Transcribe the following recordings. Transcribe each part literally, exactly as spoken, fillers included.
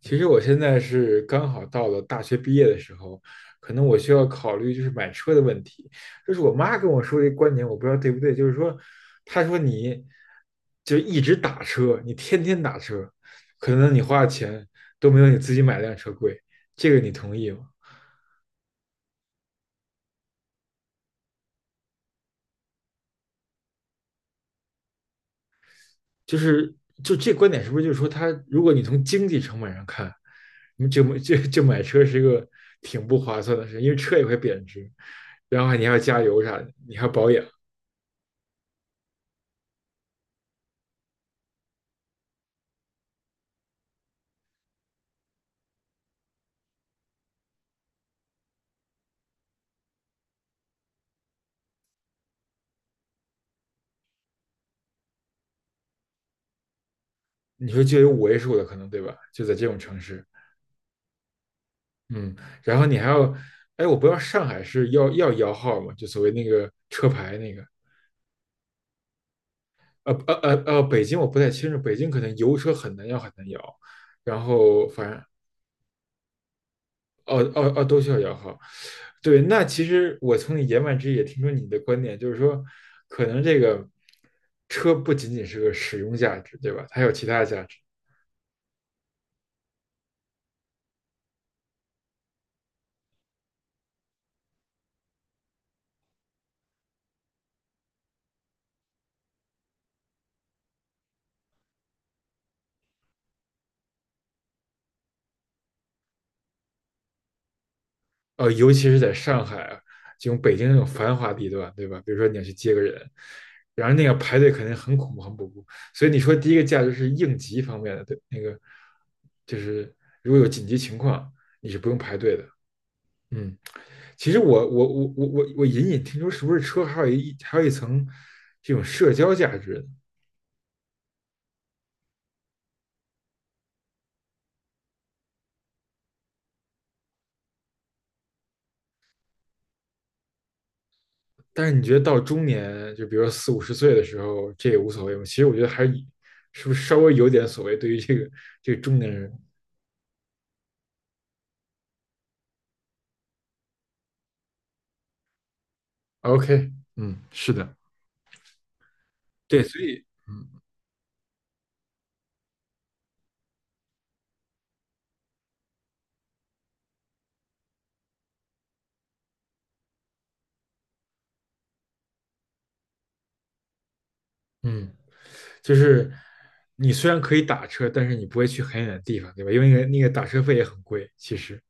其实我现在是刚好到了大学毕业的时候，可能我需要考虑就是买车的问题。就是我妈跟我说这个观点，我不知道对不对。就是说，她说你就一直打车，你天天打车，可能你花的钱都没有你自己买辆车贵。这个你同意吗？就是就这观点是不是就是说他，如果你从经济成本上看，你就就就买车是一个挺不划算的事，因为车也会贬值，然后你还要加油啥的，你还要保养。你说就有五位数的可能，对吧？就在这种城市，嗯，然后你还要，哎，我不知道上海是要要摇号吗？就所谓那个车牌那个，呃呃呃呃，北京我不太清楚，北京可能油车很难摇，很难摇，然后反正哦哦哦都需要摇号。对，那其实我从你言外之意也听出你的观点，就是说，可能这个车不仅仅是个使用价值，对吧？它有其他价值。呃，尤其是在上海啊，这种北京那种繁华地段，对吧？比如说你要去接个人，然后那个排队肯定很恐怖，很恐怖。所以你说第一个价值是应急方面的，对，那个就是如果有紧急情况，你是不用排队的。嗯，其实我我我我我我隐隐听说，是不是车还有一还有一层这种社交价值？但是你觉得到中年，就比如说四五十岁的时候，这也无所谓吗？其实我觉得还是以是不是稍微有点所谓对于这个这个中年人。 OK，嗯，是的。对，所以嗯嗯，就是你虽然可以打车，但是你不会去很远的地方，对吧？因为那个那个打车费也很贵，其实。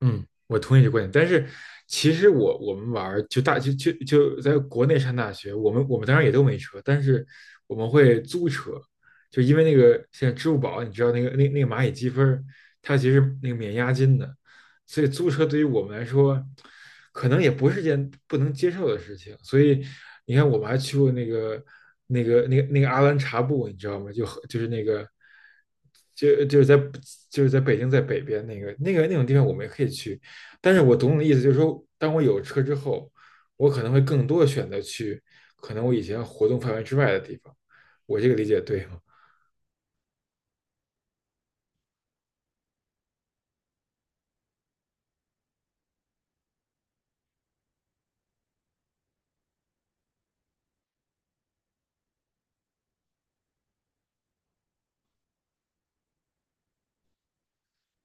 嗯，我同意这个观点。但是其实我我们玩儿就大就就就在国内上大学，我们我们当然也都没车，但是我们会租车，就因为那个现在支付宝，你知道那个那那个蚂蚁积分儿它其实那个免押金的，所以租车对于我们来说，可能也不是件不能接受的事情。所以你看，我们还去过那个、那个、那个、那个阿兰察布，你知道吗？就就是那个，就就是在就是在北京在北边那个那个那种地方，我们也可以去。但是我懂你的意思，就是说，当我有车之后，我可能会更多的选择去可能我以前活动范围之外的地方。我这个理解对吗？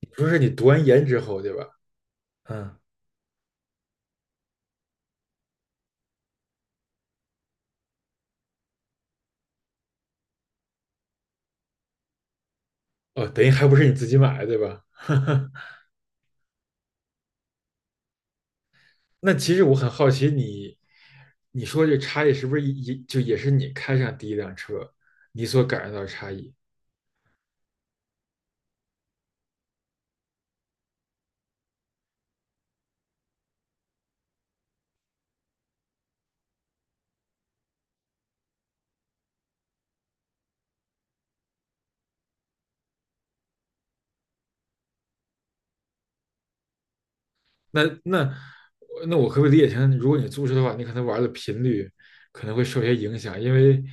你说是你读完研之后，对吧？嗯，哦，等于还不是你自己买的，对吧？那其实我很好奇你，你说这差异是不是也就也是你开上第一辆车，你所感受到的差异？那那那我可不可以理解成，如果你租车的话，你可能玩的频率可能会受些影响，因为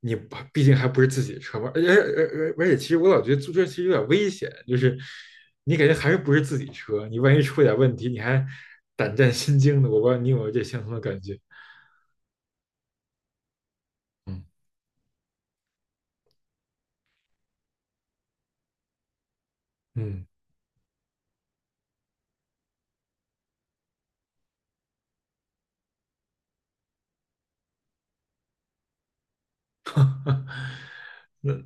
你不毕竟还不是自己的车嘛。而而而而且，其实我老觉得租车其实有点危险，就是你感觉还是不是自己车，你万一出点问题，你还胆战心惊的。我不知道你有没有这相同的感觉？嗯嗯。那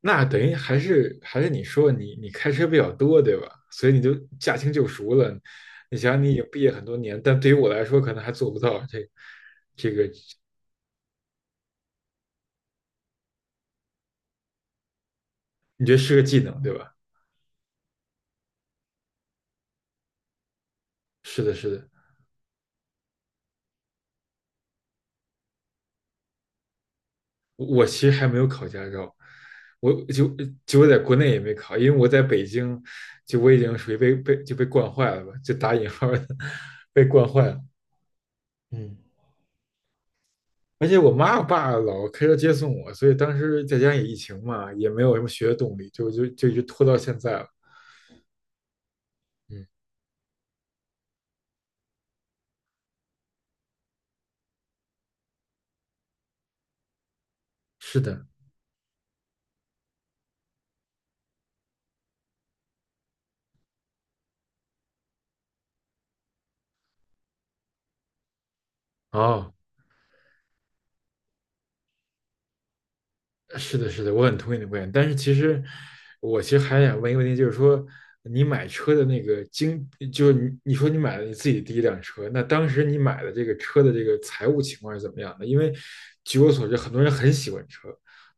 那等于还是还是你说你你开车比较多，对吧？所以你就驾轻就熟了。你想想，你已经毕业很多年，但对于我来说，可能还做不到这这个。你觉得是个技能，对吧？是的，是的。我我其实还没有考驾照，我就就我在国内也没考，因为我在北京，就我已经属于被被就被惯坏了吧，就打引号的 被惯坏了。嗯而且我妈我爸老开车接送我，所以当时在家也疫情嘛，也没有什么学的动力，就就就一直拖到现在了。嗯，是的。哦。是的，是的，我很同意你的观点。但是其实，我其实还想问一个问题，就是说，你买车的那个经，就是你你说你买了你自己第一辆车，那当时你买的这个车的这个财务情况是怎么样的？因为据我所知，很多人很喜欢车，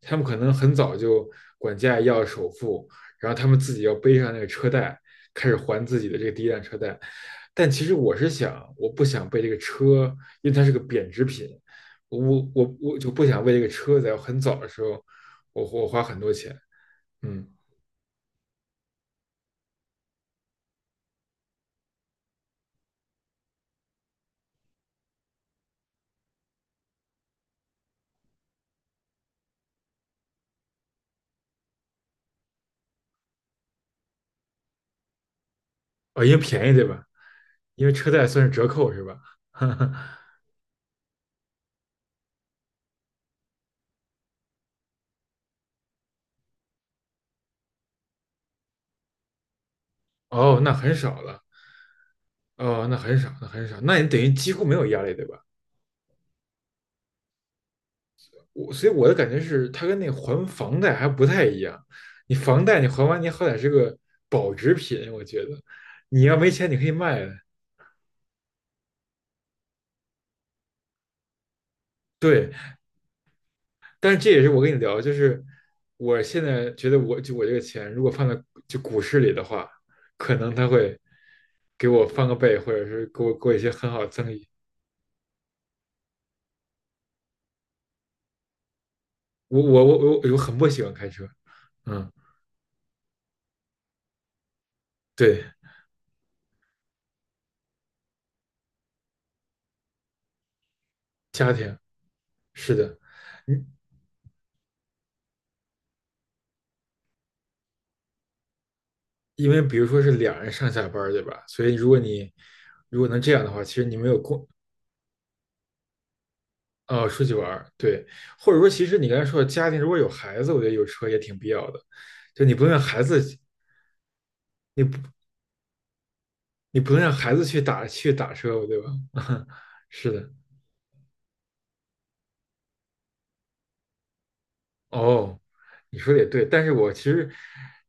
他们可能很早就管家里要首付，然后他们自己要背上那个车贷，开始还自己的这个第一辆车贷。但其实我是想，我不想被这个车，因为它是个贬值品。我我我就不想为这个车在我很早的时候我我花很多钱。嗯，哦，因为便宜对吧？因为车贷算是折扣是吧？哦，那很少了。哦，那很少，那很少，那你等于几乎没有压力对吧？我所以我的感觉是，它跟那还房贷还不太一样。你房贷你还完，你好歹是个保值品，我觉得你要没钱你可以卖的。对，但是这也是我跟你聊，就是我现在觉得我就我这个钱如果放在就股市里的话，可能他会给我翻个倍，或者是给我给我一些很好的增益。我我我我我很不喜欢开车。嗯，对，家庭是的。嗯，因为比如说是两人上下班儿对吧？所以如果你如果能这样的话，其实你没有空。啊出去玩儿对，或者说其实你刚才说的家庭如果有孩子，我觉得有车也挺必要的，就你不用让孩子，你不你不能让孩子去打去打车，吧，对吧？是的。哦，你说的也对，但是我其实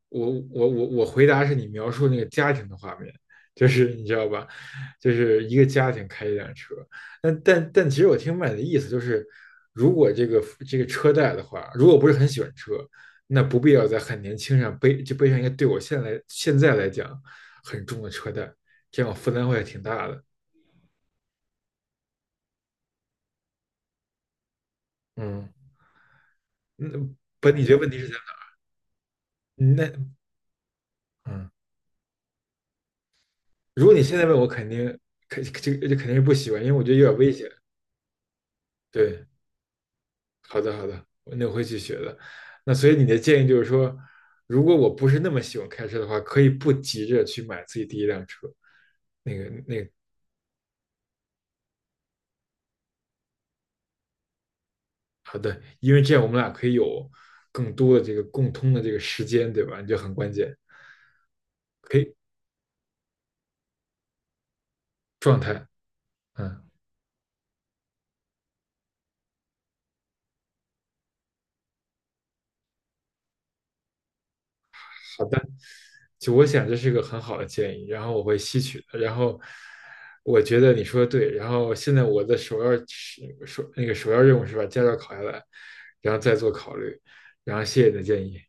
我我我我回答是你描述那个家庭的画面，就是你知道吧，就是一个家庭开一辆车，但但但其实我听麦的意思就是，如果这个这个车贷的话，如果不是很喜欢车，那不必要在很年轻上背就背上一个对我现在现在来讲很重的车贷，这样负担会挺大的。嗯。那本你这得问题是？嗯那嗯，如果你现在问我，肯定肯这个这肯定是不喜欢，因为我觉得有点危险。对，好的好的，那我会去学的。那所以你的建议就是说，如果我不是那么喜欢开车的话，可以不急着去买自己第一辆车。那个那个，好的，因为这样我们俩可以有更多的这个共通的这个时间，对吧？你就很关键，可以状态。嗯，好的。就我想这是一个很好的建议，然后我会吸取的。然后我觉得你说的对，然后现在我的首要是首那个首要任务是把驾照考下来，然后再做考虑。然后谢谢你的建议。